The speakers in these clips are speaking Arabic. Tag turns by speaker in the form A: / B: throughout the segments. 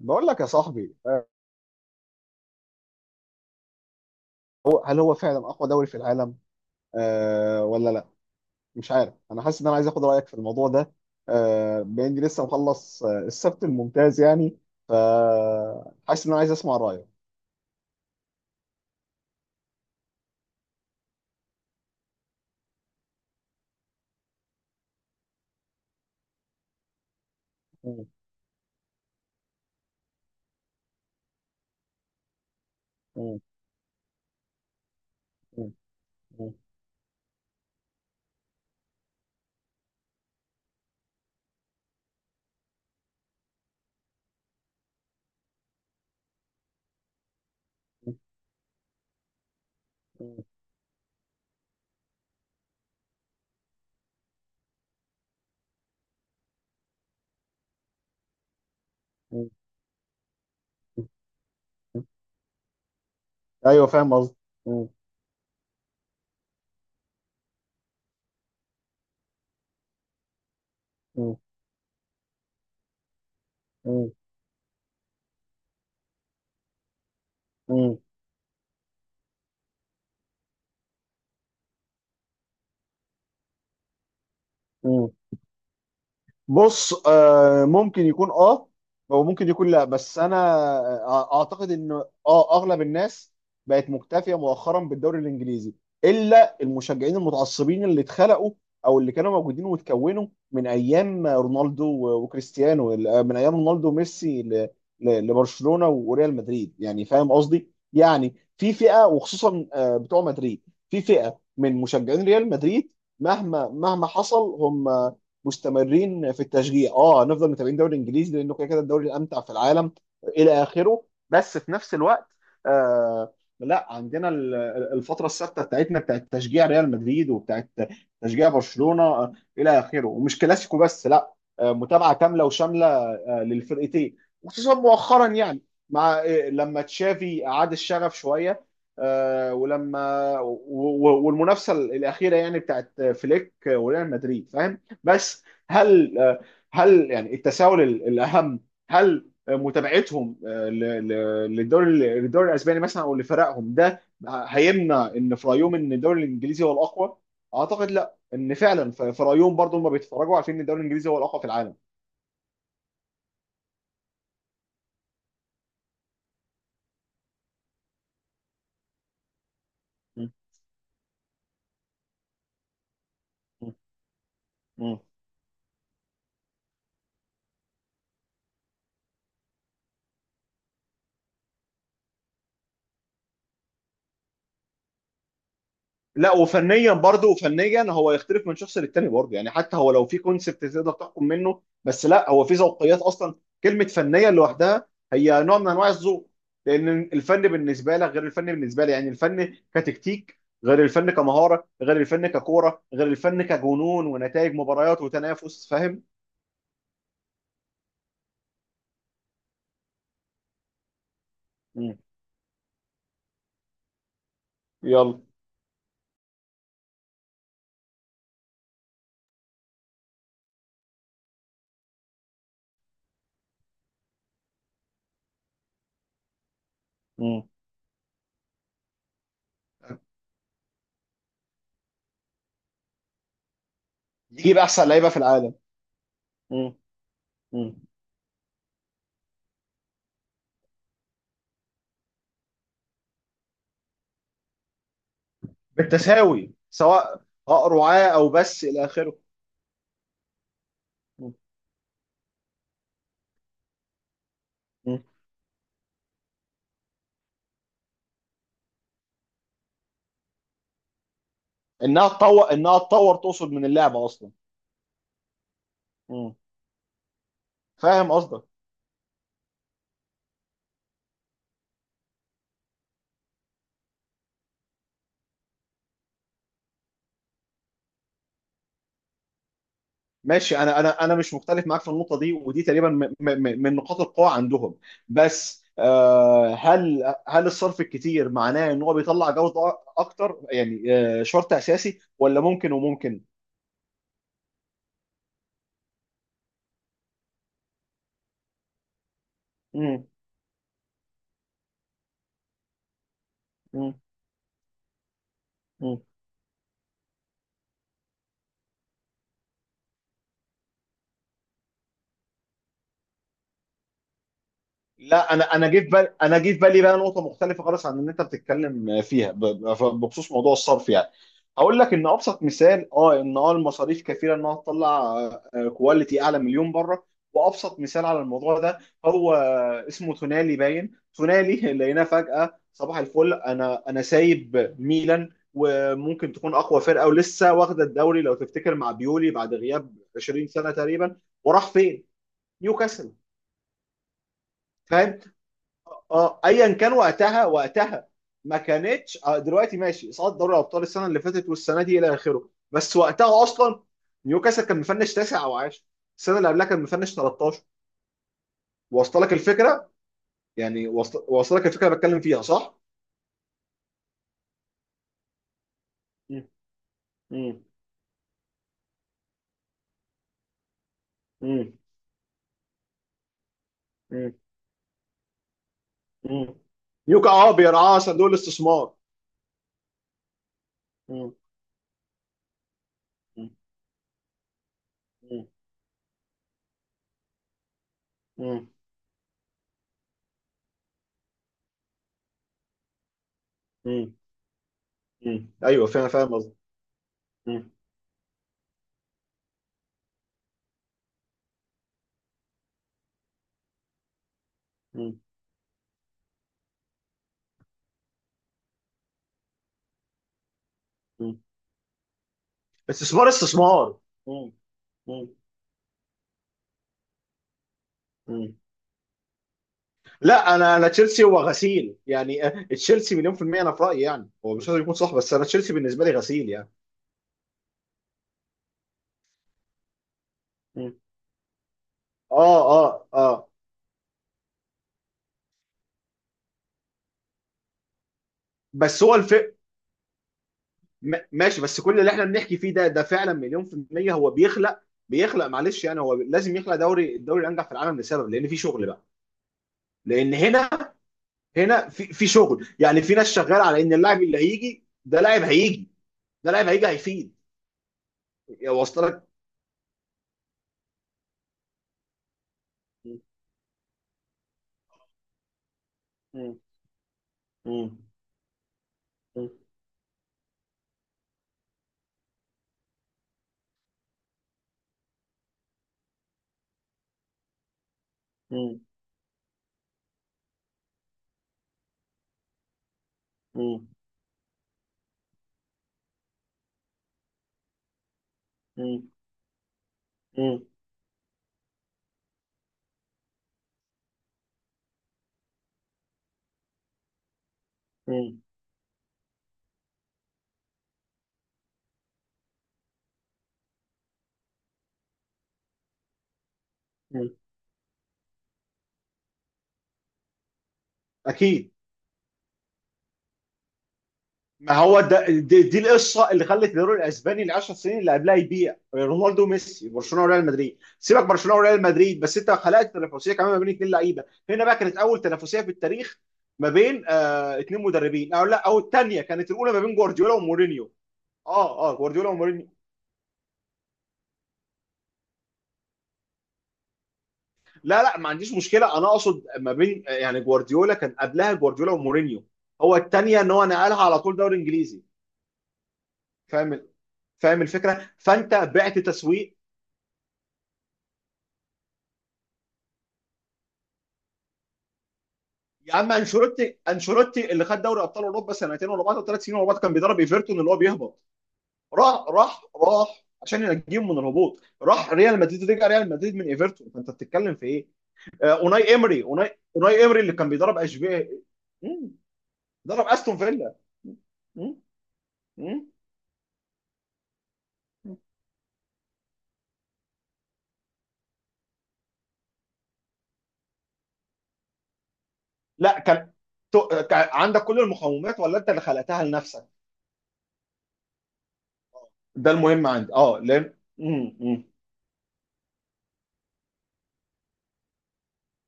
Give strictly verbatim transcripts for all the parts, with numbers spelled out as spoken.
A: بقول لك يا صاحبي، آه، هو هل هو فعلا اقوى دوري في العالم أه ولا لا؟ مش عارف، انا حاسس ان انا عايز اخد رايك في الموضوع ده. أه باني لسه مخلص، آه، السبت الممتاز يعني. ف حاسس ان انا عايز اسمع رايك. م- م- م- م- م- م- م- م- ايوه، فاهم قصدي. م- م- م- م- بص، آه ممكن يكون اه، وممكن يكون لا، بس انا آه، اعتقد ان اه اغلب الناس بقت مكتفيه مؤخرا بالدوري الانجليزي، الا المشجعين المتعصبين اللي اتخلقوا او اللي كانوا موجودين واتكونوا من ايام رونالدو و- وكريستيانو، ال- آه، من ايام رونالدو وميسي ل- ل- لبرشلونه وريال مدريد. يعني فاهم قصدي، يعني في فئه، وخصوصا آه، بتوع مدريد، في فئه من مشجعين ريال مدريد مهما مهما حصل هم مستمرين في التشجيع. اه هنفضل متابعين الدوري الانجليزي، لانه كده كده الدوري الامتع في العالم الى اخره. بس في نفس الوقت، آه لا، عندنا ال- الفتره الثابته بتاعتنا، بتاعت تشجيع ريال مدريد، وبتاعت تشجيع برشلونه، آه، الى اخره، ومش كلاسيكو بس، لا، آه متابعه كامله وشامله آه للفرقتين، وخصوصا مؤخرا يعني، مع آه، لما تشافي اعاد الشغف شويه، آه ولما و- و- والمنافسه الاخيره يعني بتاعت فليك وريال مدريد. فاهم؟ بس هل هل يعني التساؤل ال- الاهم هل متابعتهم آه، ل- ل- للدوري للدوري الاسباني مثلا او لفرقهم ده هيمنع ان في رايهم ان الدوري الانجليزي هو الاقوى؟ اعتقد لا، ان فعلا في في رايهم برضه هم بيتفرجوا عارفين ان الدوري الانجليزي هو الاقوى في العالم. م. م. م. لا، وفنيا برضه، فنيا هو يختلف من شخص للتاني برضه يعني، حتى هو لو في كونسبت تقدر تحكم منه، بس لا، هو في ذوقيات اصلا. كلمه فنيا لوحدها هي نوع من انواع الذوق، لان الفن بالنسبه لك غير الفن بالنسبه لي، يعني الفن كتكتيك غير الفن كمهاره غير الفن ككوره غير الفن كجنون ونتائج مباريات وتنافس. فاهم؟ مم. يلا. مم. نجيب احسن لعيبه في العالم. مم. مم. بالتساوي، سواء رعاة او بس، الى اخره. مم. انها تطور، انها تطور تقصد من اللعبه اصلا. مم. فاهم قصدك. ماشي، انا انا انا مش مختلف معاك في النقطه دي، ودي تقريبا م- م- م- من نقاط القوه عندهم. بس آه، هل هل الصرف الكتير معناه ان هو بيطلع جوده اكتر يعني، آه، شرط اساسي، ولا ممكن وممكن؟ مم. مم. مم. لا، انا انا جه في بالي انا جه في بالي بقى نقطه مختلفه خالص عن اللي انت بتتكلم فيها ب- ب- بخصوص موضوع الصرف يعني. هقول لك ان ابسط مثال اه ان اه المصاريف كفيله انها تطلع كواليتي اعلى مليون بره. وابسط مثال على الموضوع ده هو اسمه تونالي، باين تونالي لقيناه فجاه صباح الفل. انا انا سايب ميلان وممكن تكون اقوى فرقه، ولسه واخده الدوري لو تفتكر مع بيولي بعد غياب 20 سنه تقريبا. وراح فين؟ نيوكاسل. فاهم؟ اه ايا كان، وقتها وقتها ما كانتش، آه، دلوقتي ماشي اصابه دوري الابطال السنه اللي فاتت والسنه دي الى اخره، بس وقتها اصلا نيوكاسل كان مفنش تاسع او عاشر، السنه اللي قبلها كان مفنش ثلاثتاشر. واصله لك الفكره؟ يعني واصله، واصلة لك الفكره اللي بتكلم فيها، صح؟ مم. مم. مم. مم. مم. نيوكا اه بيرعاه صندوق الاستثمار. مم. مم. مم. مم. مم. مم. ايوه، فاهم فاهم قصدي. مم. مم. مم. استثمار استثمار. مم. مم. لا، انا انا تشيلسي هو غسيل يعني، آه، تشيلسي مليون في المية انا في رأيي، يعني هو مش لازم يكون صح، بس انا تشيلسي بالنسبة لي غسيل يعني. مم. اه، اه، اه. بس هو الف، م- ماشي. بس كل اللي احنا بنحكي فيه ده، ده فعلا مليون في المية، هو بيخلق، بيخلق معلش يعني، هو لازم يخلق دوري، الدوري الانجح في العالم، لسبب لان في شغل بقى. لان هنا هنا في في شغل، يعني في ناس شغاله على ان اللاعب اللي هيجي ده لاعب هيجي، ده لاعب هيجي هيفيد. واصل لك؟ مم. مم. مم. مم. مم. مم. مم. مم. اكيد. ما هو ده دي, دي القصه اللي خلت الدوري الاسباني ال 10 سنين اللي قبلها يبيع رونالدو وميسي، برشلونه وريال مدريد. سيبك، برشلونه وريال مدريد، بس انت خلقت تنافسيه كمان ما بين اثنين لعيبه. هنا بقى كانت اول تنافسيه في التاريخ ما بين آه اثنين مدربين، او لا، او الثانيه كانت الاولى، ما بين جوارديولا ومورينيو. اه، اه، جوارديولا ومورينيو. لا، لا، ما عنديش مشكله. انا اقصد ما بين، يعني جوارديولا، كان قبلها جوارديولا ومورينيو. هو الثانيه ان هو نقلها على طول دوري انجليزي. فاهم؟ فاهم الفكره. فانت بعت تسويق. يا عم انشيلوتي، انشيلوتي اللي خد دوري ابطال اوروبا سنتين ورا بعض أو ثلاث سنين ورا بعض كان بيدرب ايفرتون اللي هو بيهبط. راح، راح، راح عشان ينجيهم من الهبوط، راح ريال مدريد، رجع ريال مدريد من ايفرتون. فانت بتتكلم في ايه؟ آه، اوناي امري، اوناي اوناي امري اللي كان بيدرب اشبيليه. مم، درب استون فيلا. مم، مم. لا، كان تو- كان عندك كل المقومات، ولا انت اللي خلقتها لنفسك؟ ده المهم عندي. اه لان مم، مم.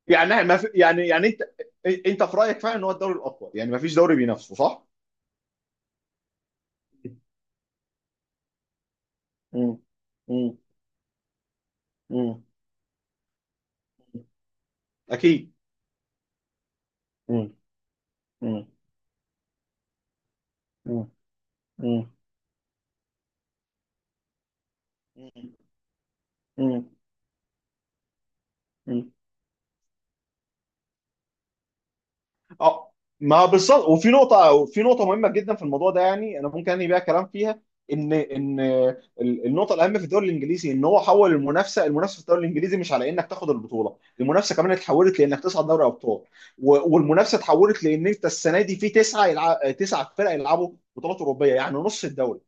A: يعني ما في، يعني يعني انت، انت في رايك فعلا ان هو الدوري الاقوى يعني، ما فيش دوري بينافسه، صح؟ مم. مم. مم. اكيد. مم. مم. مم. مم. مم. مم. اه، ما بالظبط. وفي نقطة، في نقطة مهمة جدا في الموضوع ده يعني، أنا ممكن أنهي بيها كلام فيها. إن إن ال- النقطة الأهم في الدوري الإنجليزي إن هو حول المنافسة. المنافسة في الدوري الإنجليزي مش على إنك تاخد البطولة، المنافسة كمان اتحولت لإنك تصعد دوري أبطال، و- والمنافسة اتحولت لإن أنت السنة دي في تسعة يلع... تسعة فرق يلعبوا بطولات أوروبية، يعني نص الدوري،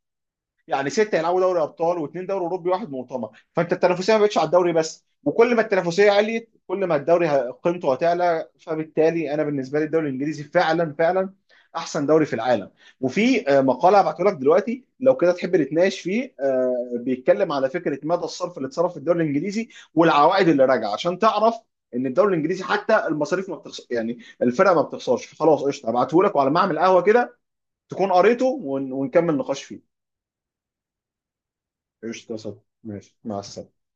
A: يعني ستة هيلعبوا دوري ابطال واثنين دوري اوروبي واحد مؤتمر. فانت التنافسيه ما بقتش على الدوري بس، وكل ما التنافسيه عليت كل ما الدوري ه- قيمته هتعلى. فبالتالي انا بالنسبه لي الدوري الانجليزي فعلا فعلا احسن دوري في العالم. وفي آه، مقاله هبعته لك دلوقتي لو كده تحب نتناقش فيه، آه، بيتكلم على فكره مدى الصرف اللي اتصرف في الدوري الانجليزي والعوائد اللي راجعه، عشان تعرف ان الدوري الانجليزي حتى المصاريف ما بتخسر يعني، الفرق ما بتخسرش. فخلاص قشطه، هبعته لك، وعلى ما اعمل قهوه كده تكون قريته، ون- ونكمل نقاش فيه. قشطة، صد ماشي، مع السلامة.